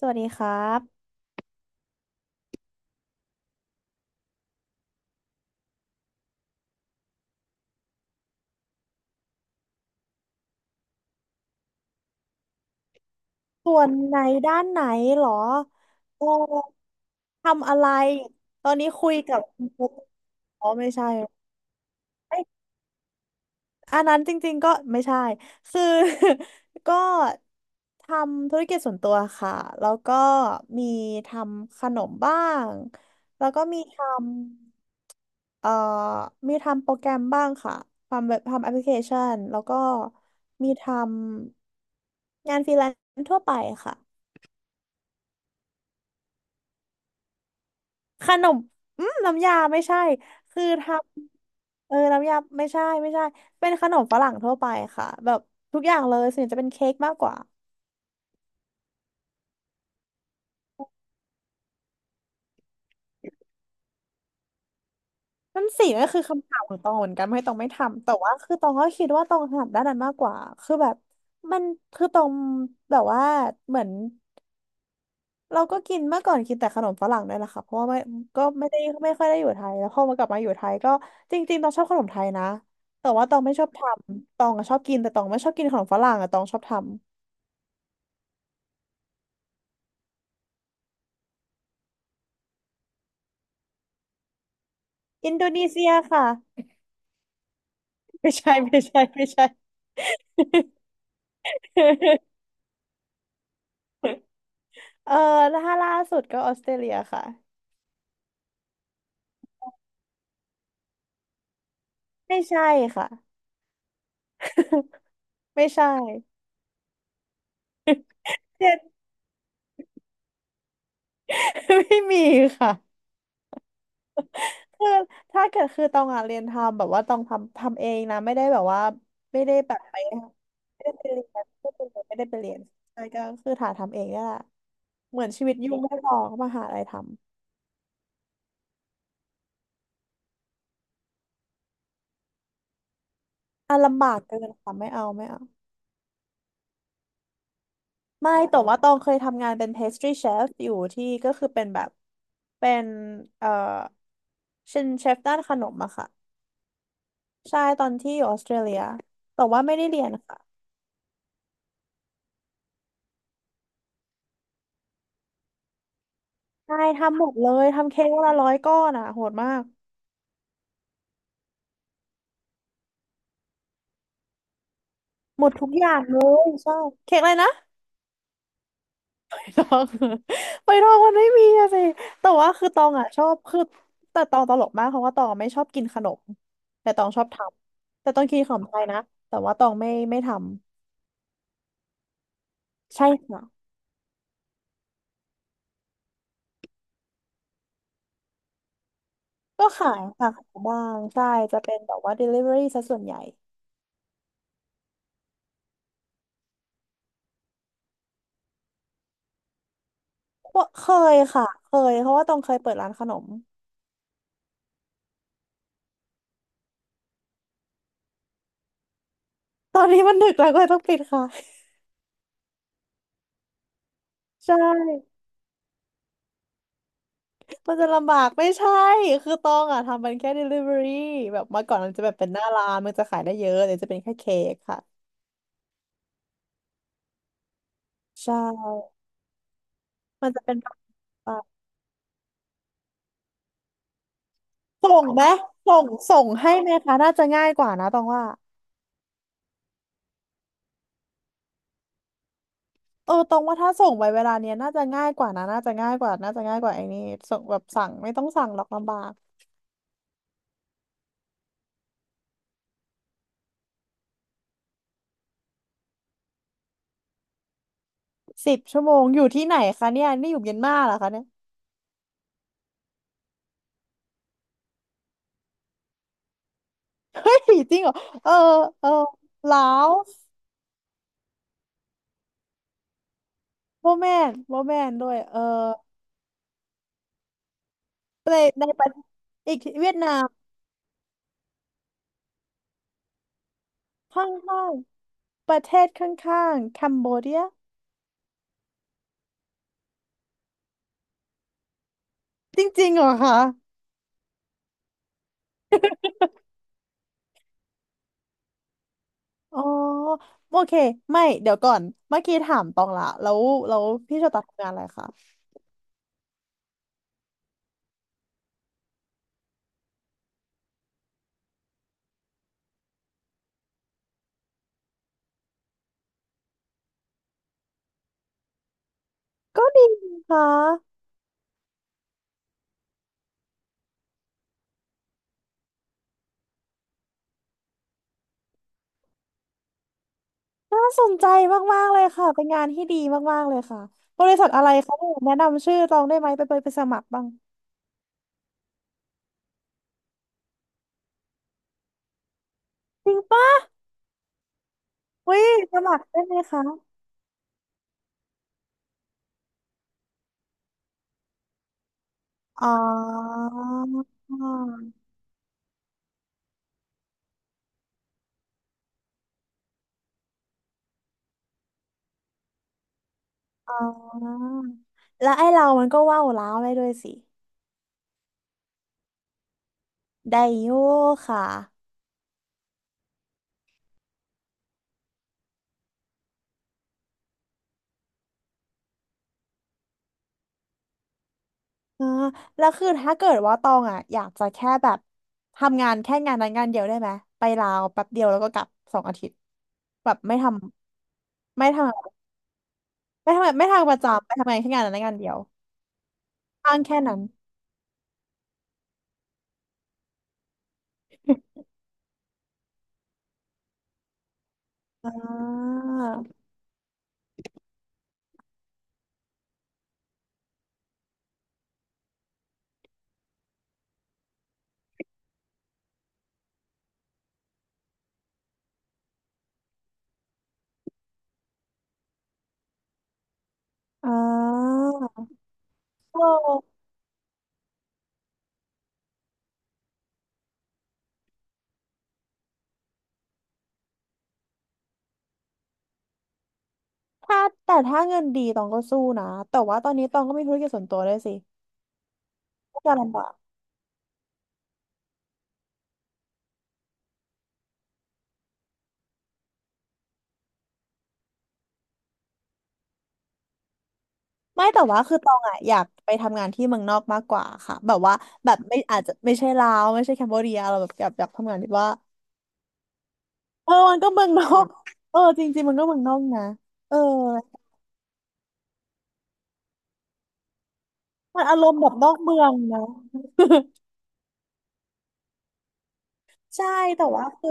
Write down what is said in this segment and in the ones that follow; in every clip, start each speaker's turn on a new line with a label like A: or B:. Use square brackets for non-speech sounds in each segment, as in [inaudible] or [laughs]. A: สวัสดีครับ ส่วนไหนด้านไหนเหรอโอ้ทำอะไร ตอนนี้คุยกับคุณปุ๊กอ๋อไม่ใช่เอ้ยอันนั้นจริงๆก็ไม่ใช่ คือ [laughs] ก็ทำธุรกิจส่วนตัวค่ะ แล้วก็มีทำขนมบ้าง แล้วก็มีทำเอ่อมีทำโปรแกรมบ้างค่ะ ทำแบบทำแอปพลิเคชัน แล้วก็มีทำงานฟรีแลนซ์ทั่วไปค่ะ ขนมอืมน้ำยาไม่ใช่คือทำน้ำยาไม่ใช่ไม่ใช่เป็นขนมฝรั่งทั่วไปค่ะแบบทุกอย่างเลยส่วนใหญ่จะเป็นเค้กมากกว่านั่นสิก็คือคำถามของตองเหมือนกันไม่ตองไม่ทำแต่ว่าคือตองก็คิดว่าตองถนัดด้านนั้นมากกว่าคือแบบมันคือตองแบบว่าเหมือน เราก็กินเมื่อก่อนกินแต่ขนมฝรั่งด้วยล่ะค่ะเพราะว่าไม่ก็ไม่ได้ไม่ค่อยได้อยู่ไทยแล้วพอมากลับมาอยู่ไทยก็จริงๆตองชอบขนมไทยนะแต่ว่าตองไม่ชอบทำตองอะชอบกินแต่ตองไม่ชอบกินขนมฝรั่งอะตองชอบทำอินโดนีเซียค่ะไม่ใช่ไม่ใช่ไม่ใช่ [laughs] เออแล้วถ้าล่าสุดก็ออสเตรเลียค่ะไม่ใช่ค่ะไม่ใช่ [laughs] ไม่มีค่ะ คือถ้าเกิดคือตองอ่ะเรียนทำแบบว่าตองทำเองนะไม่ได้แบบว่าไม่ได้แบบไปไม่ได้ไปเรียนไม่ได้ไปเรียนไม่ได้ไปเรียนใช่ก็คือถ่าทำเองนี่แหละเหมือนชีวิตยุ่งไม่พอก็มาหาอะไรทำอ่ะลำบากเกินค่ะไม่เอาไม่เอาไม่แต่ว่าตองเคยทำงานเป็น pastry chef อยู่ที่ก็คือเป็นแบบเป็นเอ่อเป็นเชฟด้านขนมอะค่ะใช่ตอนที่อยู่ออสเตรเลียแต่ว่าไม่ได้เรียนค่ะใช่ทำหมดเลยทำเค้กวันละร้อยก้อนอะโหดมาก หมดทุกอย่างเลยใช่เค้กอะไรนะตอง [laughs] ไปตองมันไม่มีอะสิแต่ว่าคือตองอ่ะชอบคือแต่ตองตลกมากเพราะว่าตองไม่ชอบกินขนมแต่ตองชอบทำแต่ตองกินขนมไทยนะแต่ว่าตองไม่ทำใช่ค่ะก็ขายค่ะขายบ้างใช่จะเป็นแบบว่า delivery ซะส่วนใหญ่ว่าเคยค่ะเคยเพราะว่าตองเคยเปิดร้านขนมตอนนี้มันดึกแล้วก็เลยต้องปิดค่ะใช่ มันจะลำบากไม่ใช่คือตองอ่ะทำมันแค่ delivery แบบเมื่อก่อนมันจะแบบเป็นหน้าร้านมันจะขายได้เยอะเดี๋ยวจะเป็นแค่เค้กค่ะใช่มันจะเป็นแบบว่าส่งไหมส่งให้ไหมคะน่าจะง่ายกว่านะตองว่าเออตองว่าถ้าส่งไปเวลาเนี้ยน่าจะง่ายกว่านะน่าจะง่ายกว่าน่าจะง่ายกว่าไอ้นี่ส่งแบบสั่งไม่ต้องสั่งหรอกลำบากสิบชั่วโมงอยู่ที่ไหนคะเนี่ยนี่อยู่เมียนมาเหรอคะเนี่ยเฮ้ยจริงเหรอเออเออลาวโมแมนโมแมนด้วยเออ ในในประอีกเวียดนามข้างๆประเทศข้างๆคัมโบเดียจริงๆเหรอคะอ๋อโอเคไม่เดี๋ยวก่อนเมื่อกี้ถามตองละแล้วแล้วพี่โชตัดทำงานอะไรคะก็ดีค่ะน่าสนใจมากๆเลยค่ะเป็นงานที่ดีมากๆเลยค่ะบริษัทอะไรคะเนี่ยแนะนำชื่อตองได้ไหมไปสมัครบ้างจริงปะอุ้ยสมัครได้ไหมคะอ๋อ อ๋อแล้วไอ้เรามันก็ว่าวล้าวได้ด้วยสิได้อยู่ค่ะอ่าแล้วคือถ้าเกิดว่าตองอ่ะอยากจะแค่แบบทำงานแค่งานนั้นงานเดียวได้ไหมไปลาวแป๊บเดียวแล้วก็กลับสองอาทิตย์แบบำไม่ทำไม่ทำไม่ทำประจำไปทำงานแค่งานนั้นงานเดียวอ้างแค่นั้น [laughs] อ่าอ่าโอ้ถ้าแต่ถ้าเงินดีตองก็สู้นะแต่ว่าตอนนี้ตองก็มีธุรกิจส่วนตัวด้วยสิก็จะลำบาก ไม่แต่ว่าคือตองอ่ะอยากไปทำงานที่เมืองนอกมากกว่าค่ะแบบว่าแบบไม่อาจจะไม่ใช่ลาวไม่ใช่แคมโบเดียเราแบบอยากทำงานที่ว่าเออมันก็เมืองนอกเออจริงๆมันก็เมืองนอกนะเออมันอารมณ์แบบนอกเมืองนะ [laughs] ใช่แต่ว่าคือ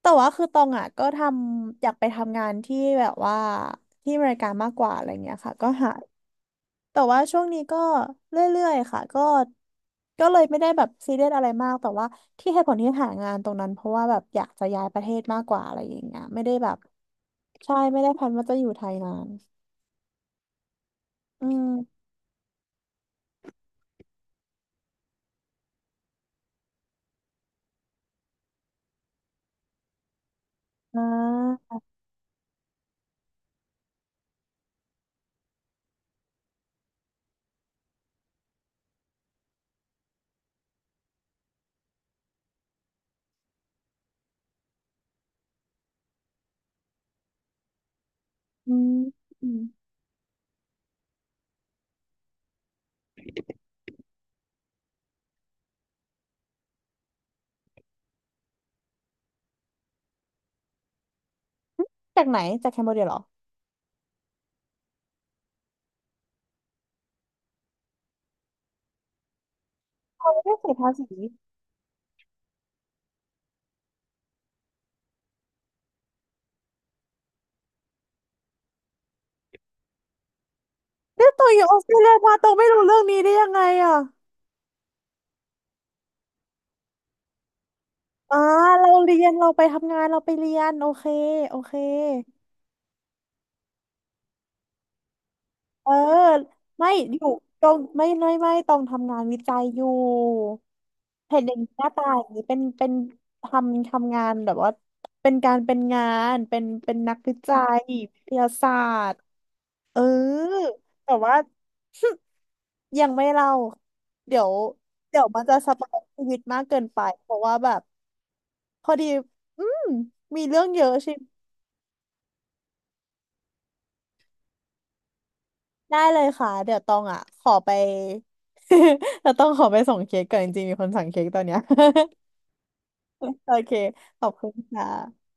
A: แต่ว่าคือตองอ่ะก็ทำอยากไปทำงานที่แบบว่าที่อเมริกามากกว่าอะไรเงี้ยค่ะก็หา แต่ว่าช่วงนี้ก็เรื่อยๆค่ะก็ก็เลยไม่ได้แบบซีเรียสอะไรมากแต่ว่าที่เหตุผลที่หางานตรงนั้นเพราะว่าแบบอยากจะย้ายประเทศมากกว่าอะไรอย่างเงี้ยไม่ได้แบบใช่ไม่ได้แพลนว่าจะอยู่ไทยนานอืมอ่าอืมอืมจากไหนจากแคมโบเดียเหรอเราไม่ได้เสียภาษีเนี่ยตัวอยู่ออสเตรเลียมาตัวไม่รู้เรื่องนี้ได้ยังไงอ่ะอ่าเราเรียนเราไปทำงานเราไปเรียนโอเคโอเค เออไม่อยู่ตรงไม่ตรงทำงานวิจัยอยู่เห็นอย่างนี้หน้าตาอย่างนี้เป็นทำทำงานแบบว่าเป็นการเป็นงานเป็นนักวิจัยวิทยาศาสตร์เออแต่ว่า [laughs] ยังไม่เล่าเดี๋ยวเดี๋ยวมันจะสปอยชีวิตมากเกินไปเพราะว่าแบบพอดีอืมมีเรื่องเยอะใช่ ได้เลยค่ะเดี๋ยวตองอ่ะขอไป [laughs] เราต้องขอไปส่งเค้กก่อนจริงๆมีคนสั่งเค้กตอนเนี้ย [laughs] โอเคขอบคุณค่ะ